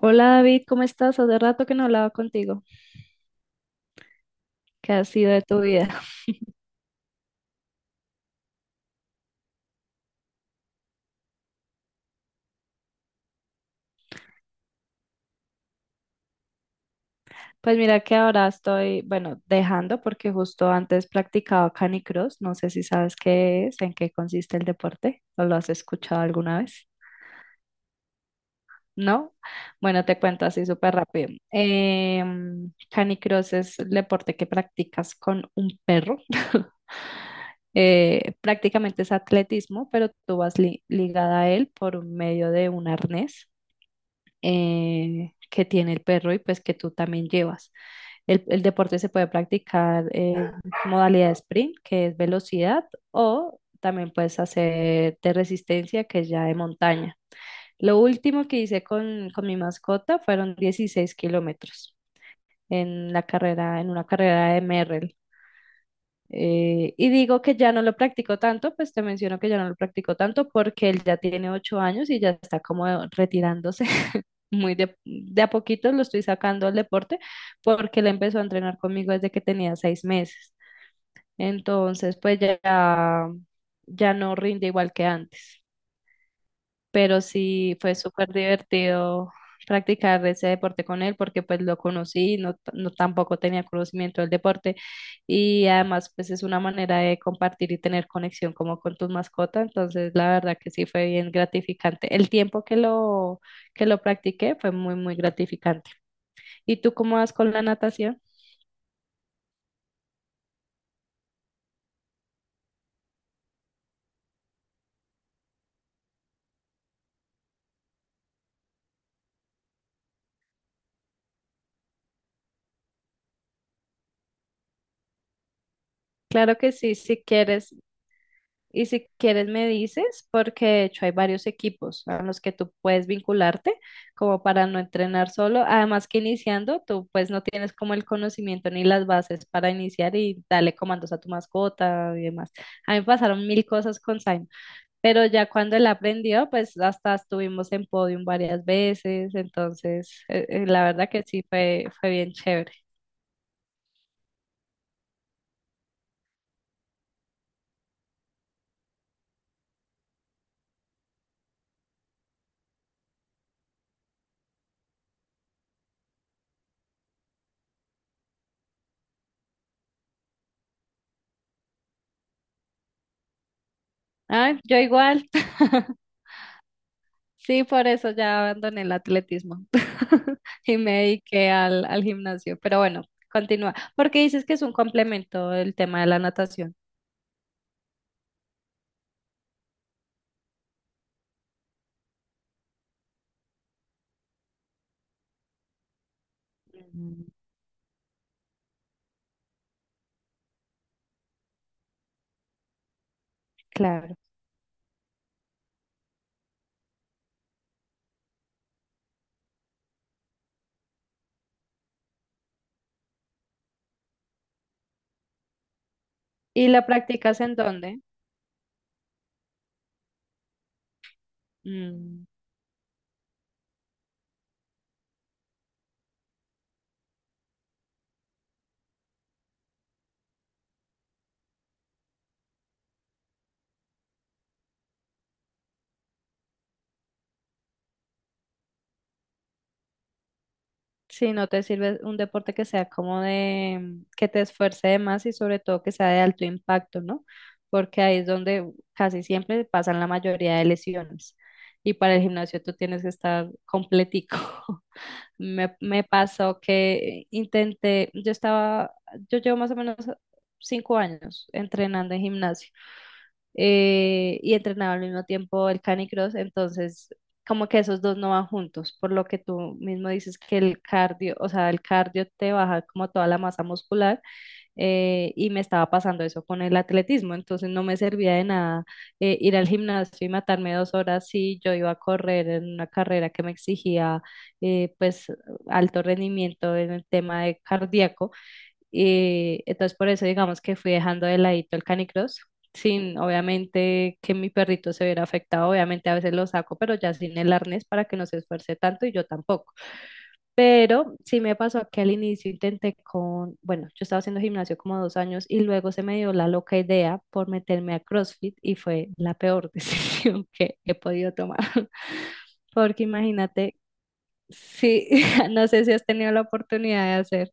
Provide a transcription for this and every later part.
Hola David, ¿cómo estás? Hace rato que no hablaba contigo. ¿Qué ha sido de tu vida? Pues mira que ahora estoy, bueno, dejando porque justo antes practicaba canicross. No sé si sabes qué es, en qué consiste el deporte o lo has escuchado alguna vez. ¿No? Bueno, te cuento así súper rápido. Canicross es el deporte que practicas con un perro. Prácticamente es atletismo, pero tú vas ligada a él por medio de un arnés. Que tiene el perro y pues que tú también llevas. El deporte se puede practicar en modalidad sprint, que es velocidad, o también puedes hacer de resistencia, que es ya de montaña. Lo último que hice con mi mascota fueron 16 kilómetros en la carrera, en una carrera de Merrell. Y digo que ya no lo practico tanto, pues te menciono que ya no lo practico tanto porque él ya tiene ocho años y ya está como retirándose muy de a poquito lo estoy sacando al deporte porque él empezó a entrenar conmigo desde que tenía seis meses. Entonces, pues ya, ya no rinde igual que antes, pero sí fue súper divertido practicar ese deporte con él porque pues lo conocí, no, no tampoco tenía conocimiento del deporte y además pues es una manera de compartir y tener conexión como con tus mascotas, entonces la verdad que sí fue bien gratificante. El tiempo que lo practiqué fue muy, muy gratificante. ¿Y tú cómo vas con la natación? Claro que sí, si quieres. Y si quieres me dices, porque de hecho hay varios equipos a los que tú puedes vincularte como para no entrenar solo. Además que iniciando, tú pues no tienes como el conocimiento ni las bases para iniciar y darle comandos a tu mascota y demás. A mí me pasaron mil cosas con Simon, pero ya cuando él aprendió, pues hasta estuvimos en podium varias veces. Entonces, la verdad que sí fue, fue bien chévere. Ah, yo igual. Sí, por eso ya abandoné el atletismo y me dediqué al gimnasio. Pero bueno, continúa. Porque dices que es un complemento el tema de la natación. Mm, claro. ¿Y la practicas en dónde? Mm, si no te sirve un deporte que sea como de, que te esfuerce de más y sobre todo que sea de alto impacto, ¿no? Porque ahí es donde casi siempre pasan la mayoría de lesiones. Y para el gimnasio tú tienes que estar completico. Me pasó que intenté, yo estaba, yo llevo más o menos cinco años entrenando en gimnasio y entrenaba al mismo tiempo el canicross, entonces como que esos dos no van juntos, por lo que tú mismo dices que el cardio, o sea, el cardio te baja como toda la masa muscular y me estaba pasando eso con el atletismo, entonces no me servía de nada ir al gimnasio y matarme dos horas si yo iba a correr en una carrera que me exigía pues alto rendimiento en el tema de cardíaco, entonces por eso digamos que fui dejando de ladito el canicross. Sin, obviamente, que mi perrito se viera afectado, obviamente a veces lo saco, pero ya sin el arnés para que no se esfuerce tanto y yo tampoco. Pero sí me pasó que al inicio intenté con, bueno, yo estaba haciendo gimnasio como dos años y luego se me dio la loca idea por meterme a CrossFit y fue la peor decisión que he podido tomar. Porque imagínate, sí, no sé si has tenido la oportunidad de hacer.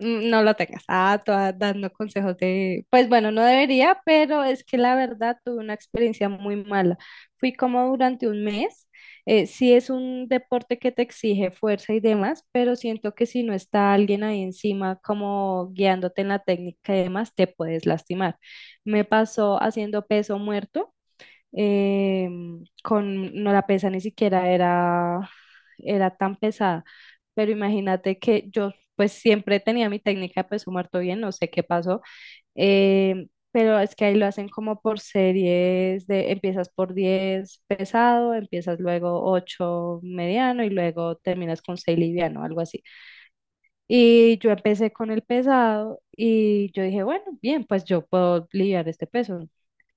Mm, no lo tengas. Ah, toda dando consejos de, pues bueno, no debería, pero es que la verdad tuve una experiencia muy mala. Fui como durante un mes. Sí es un deporte que te exige fuerza y demás, pero siento que si no está alguien ahí encima como guiándote en la técnica y demás, te puedes lastimar. Me pasó haciendo peso muerto eh, con, no la pesa ni siquiera era, era tan pesada, pero imagínate que yo pues siempre tenía mi técnica de peso muerto bien, no sé qué pasó, eh, pero es que ahí lo hacen como por series de, empiezas por 10 pesado, empiezas luego 8 mediano y luego terminas con 6 liviano, algo así. Y yo empecé con el pesado y yo dije, bueno, bien, pues yo puedo lidiar este peso.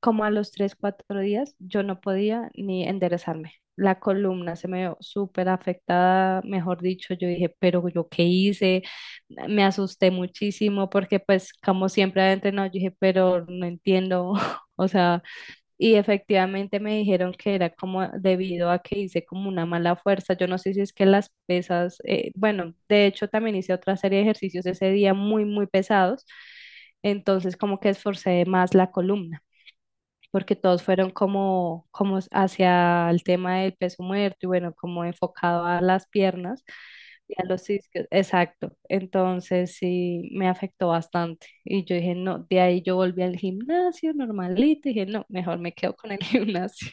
Como a los tres, cuatro días, yo no podía ni enderezarme. La columna se me vio súper afectada, mejor dicho, yo dije, pero yo qué hice, me asusté muchísimo porque pues como siempre adentro, no, yo dije, pero no entiendo, o sea... Y efectivamente me dijeron que era como debido a que hice como una mala fuerza. Yo no sé si es que las pesas, bueno, de hecho también hice otra serie de ejercicios ese día muy, muy pesados. Entonces como que esforcé más la columna porque todos fueron como, como hacia el tema del peso muerto y bueno, como enfocado a las piernas y a los discos. Exacto. Entonces sí me afectó bastante. Y yo dije, no, de ahí yo volví al gimnasio normalito y dije, no, mejor me quedo con el gimnasio.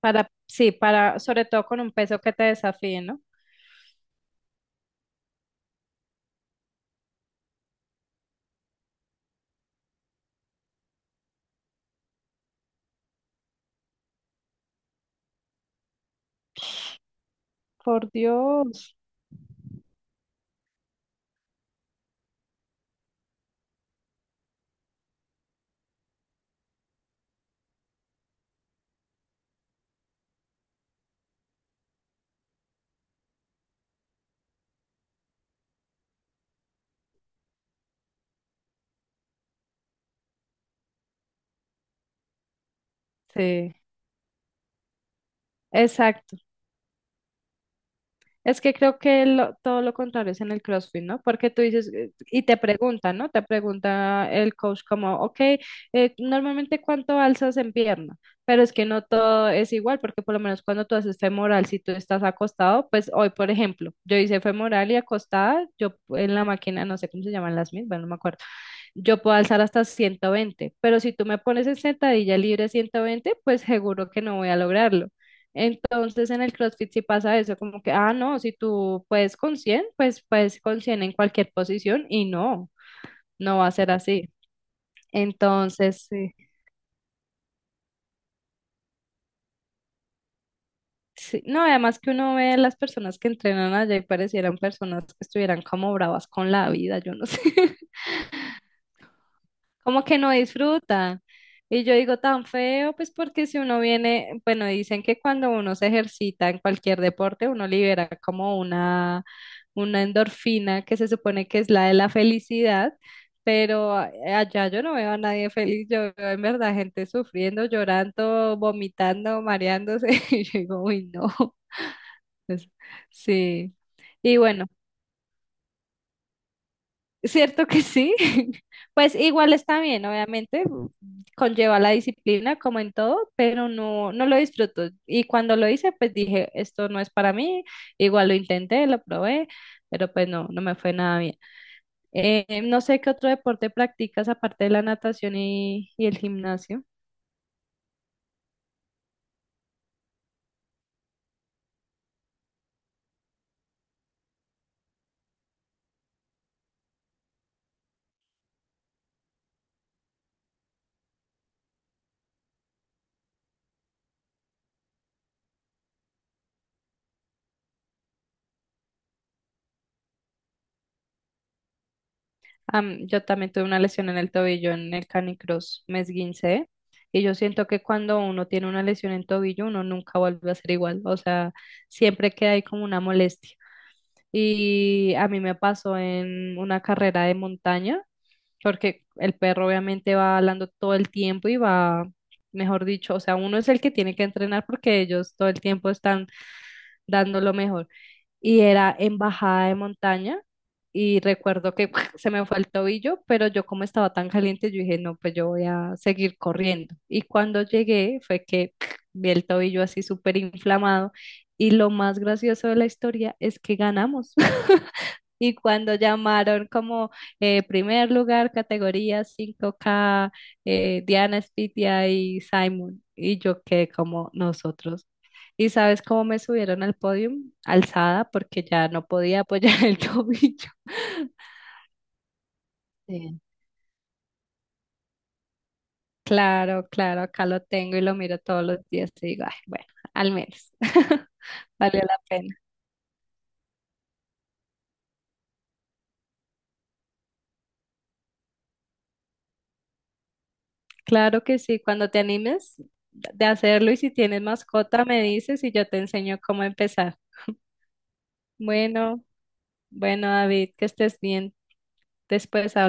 Para, sí, para, sobre todo con un peso que te desafíe, ¿no? Por Dios. Sí, exacto. Es que creo que todo lo contrario es en el CrossFit, ¿no? Porque tú dices, y te pregunta, ¿no? Te pregunta el coach como, ok, normalmente cuánto alzas en pierna, pero es que no todo es igual, porque por lo menos cuando tú haces femoral, si tú estás acostado, pues hoy, por ejemplo, yo hice femoral y acostada, yo en la máquina, no sé cómo se llaman las mismas, no me acuerdo, yo puedo alzar hasta 120, pero si tú me pones en sentadilla libre 120, pues seguro que no voy a lograrlo. Entonces en el CrossFit sí pasa eso, como que, ah, no, si tú puedes con 100, pues puedes con 100 en cualquier posición y no, no va a ser así. Entonces, sí, sí. No, además que uno ve las personas que entrenan allá y parecieran personas que estuvieran como bravas con la vida, yo no sé. Como que no disfrutan. Y yo digo tan feo, pues porque si uno viene, bueno, dicen que cuando uno se ejercita en cualquier deporte, uno libera como una endorfina que se supone que es la de la felicidad, pero allá yo no veo a nadie feliz, yo veo en verdad gente sufriendo, llorando, vomitando, mareándose, y yo digo, uy, no, pues, sí. Y bueno. Cierto que sí. Pues igual está bien, obviamente, conlleva la disciplina como en todo, pero no, no lo disfruto. Y cuando lo hice, pues dije, esto no es para mí. Igual lo intenté, lo probé, pero pues no, no me fue nada bien. No sé qué otro deporte practicas aparte de la natación y el gimnasio. Am, yo también tuve una lesión en el tobillo en el canicross, me esguincé y yo siento que cuando uno tiene una lesión en tobillo uno nunca vuelve a ser igual, o sea, siempre queda ahí como una molestia. Y a mí me pasó en una carrera de montaña, porque el perro obviamente va hablando todo el tiempo y va, mejor dicho, o sea, uno es el que tiene que entrenar porque ellos todo el tiempo están dando lo mejor y era en bajada de montaña y recuerdo que se me fue el tobillo, pero yo como estaba tan caliente, yo dije, no, pues yo voy a seguir corriendo. Y cuando llegué fue que vi el tobillo así súper inflamado y lo más gracioso de la historia es que ganamos. Y cuando llamaron como primer lugar, categoría 5K Diana Spitia y Simon, y yo quedé como nosotros. ¿Y sabes cómo me subieron al podium? Alzada, porque ya no podía apoyar el tobillo. Sí. Claro, claro, acá lo tengo y lo miro todos los días y digo, "Ay, bueno, al menos valió la pena". Claro que sí, cuando te animes de hacerlo y si tienes mascota me dices y yo te enseño cómo empezar. Bueno, bueno, David, que estés bien. Después hablamos.